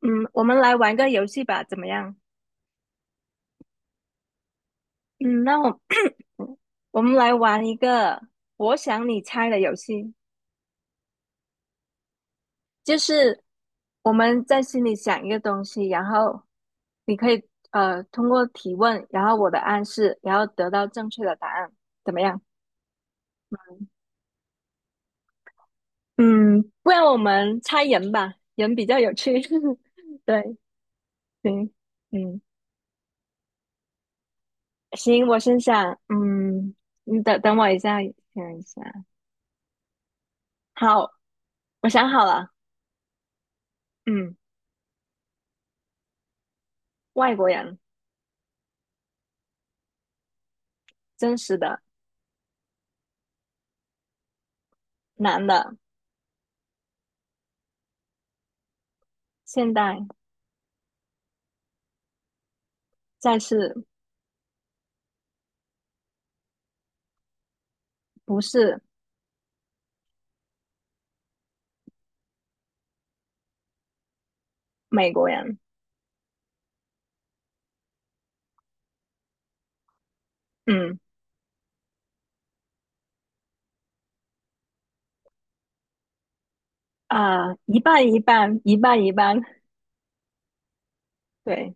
嗯，我们来玩个游戏吧，怎么样？嗯，那我 我们来玩一个我想你猜的游戏，就是我们在心里想一个东西，然后你可以通过提问，然后我的暗示，然后得到正确的答案，怎么样？嗯，不然我们猜人吧，人比较有趣。对，行，嗯，行，我先想，你等等我一下，想一下，好，我想好了，嗯。外国人，真实的男的，现代再是不是美国人。嗯一半一半，一半一半，对，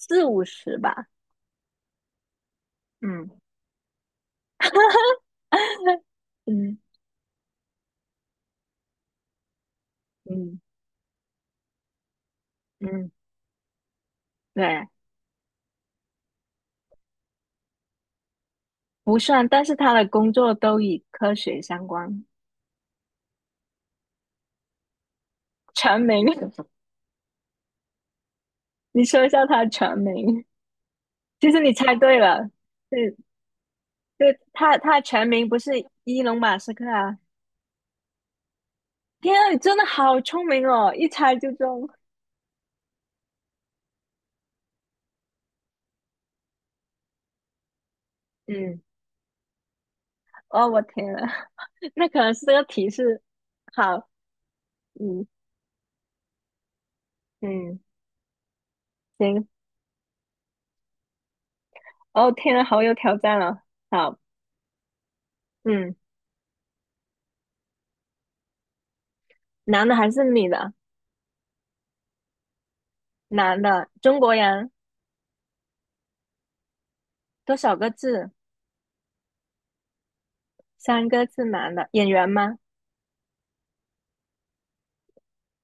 四五十吧。嗯 嗯嗯嗯，对，不算，但是他的工作都与科学相关。全名，你说一下他的全名。其实你猜对了，对对，他全名不是伊隆马斯克啊，天啊，你真的好聪明哦，一猜就中。嗯哦，我天呐，那可能是这个提示。好，嗯嗯，行。哦，天呐，好有挑战了。好，嗯，男的还是女的？男的，中国人，多少个字？三个字，男的，演员吗？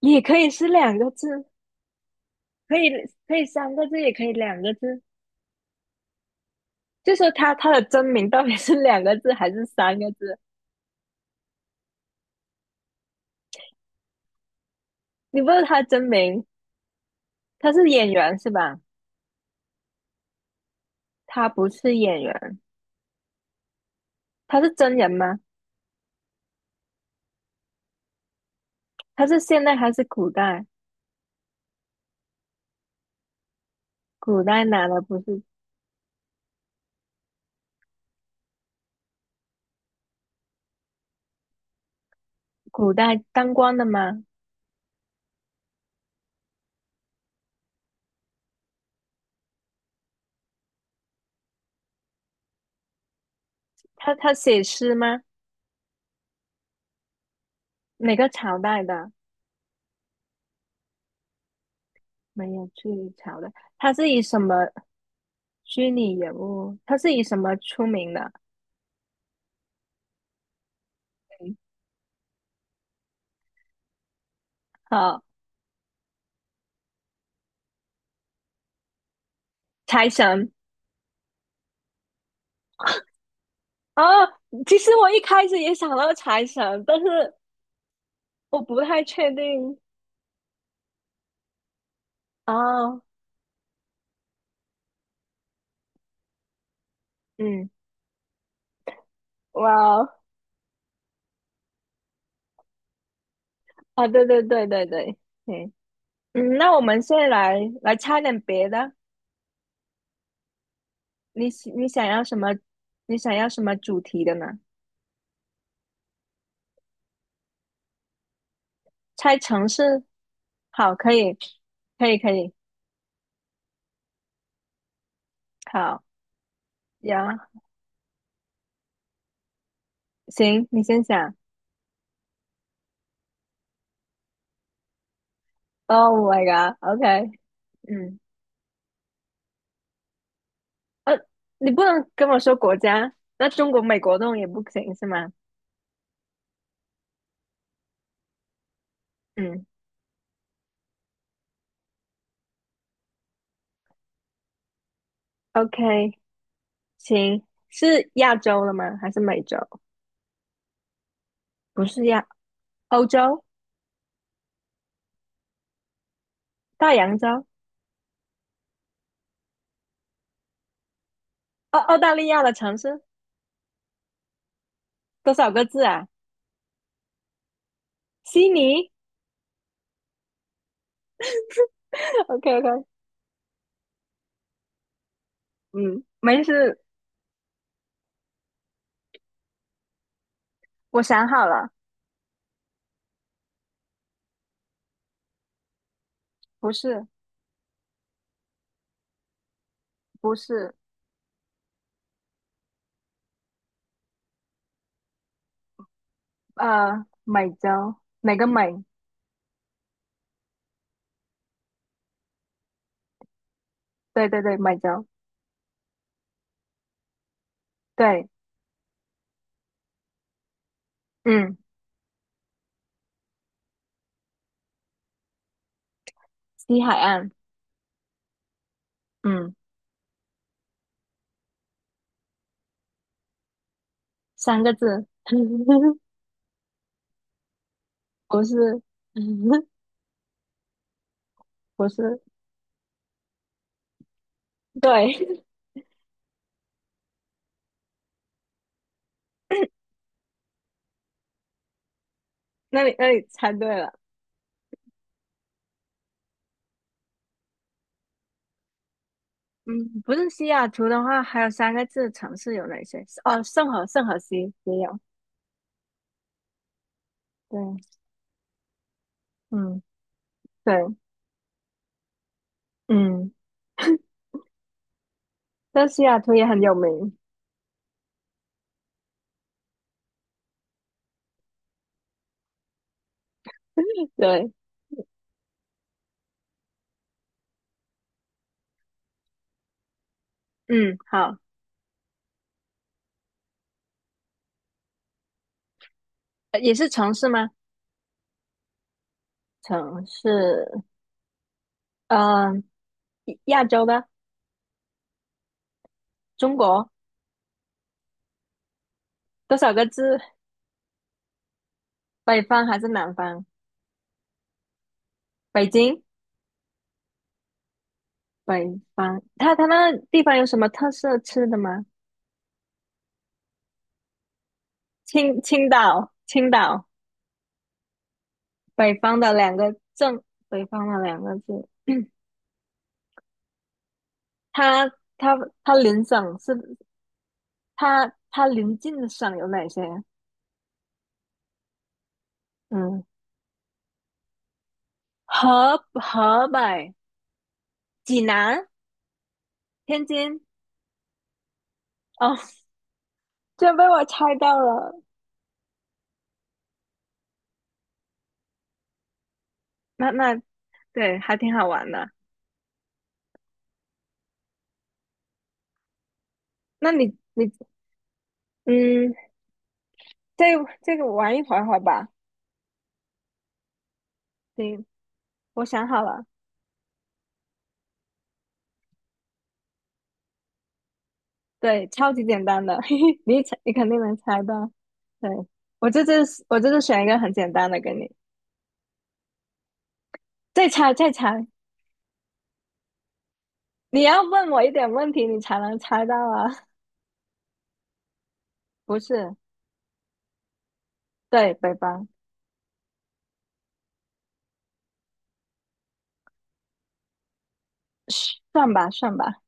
也可以是两个字，可以可以三个字，也可以两个字。就说他的真名到底是两个字还是三个字？你问他真名，他是演员是吧？他不是演员，他是真人吗？他是现代还是古代？古代哪的不是古代当官的吗？他写诗吗？哪个朝代的？没有去朝代。他是以什么虚拟人物？他是以什么出名的？好，财神哦。其实我一开始也想到财神，但是我不太确定。哦，嗯，哇哦，啊，对对对对对，嗯嗯，那我们现在来猜点别的。你想要什么？你想要什么主题的呢？猜城市？好，可以，可以，可以。好，呀，行，你先想。Oh my god，OK、嗯，呃，你不能跟我说国家，那中国、美国那种也不行是吗？嗯，OK，行，是亚洲的吗？还是美洲？不是亚，欧洲，大洋洲，澳大利亚的城市多少个字啊？悉尼。o k o k 嗯，没事，我想好了。不是不是，美洲哪个美？对对对，美洲，对，嗯，西海岸，嗯，三个字，不是，不是，对，那你猜对了，嗯，不是西雅图的话，还有三个字城市有哪些？哦，圣何西也有，对，嗯，对，嗯，但西雅图也很有名，对，嗯，好，也是城市吗？城市，嗯、亚洲的。中国多少个字？北方还是南方？北京，北方。它那地方有什么特色吃的吗？青岛，青岛，北方的两个镇，北方的两个字。它它它邻省是它邻近的省有哪些？嗯，河北、济南、天津。哦，这被我猜到了。那对，还挺好玩的。那你你嗯，这这个玩一会儿会吧。行，我想好了，对，超级简单的，嘿嘿，你猜你肯定能猜到。对，我这次选一个很简单的给你，再猜再猜，你要问我一点问题，你才能猜到啊。不是，对，北方，嘘算吧算吧，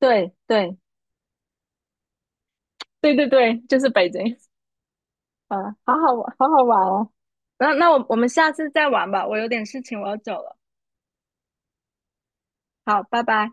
对对对对对，就是北京。啊，好好玩，好好玩哦。那我们下次再玩吧，我有点事情，我要走了。好，拜拜。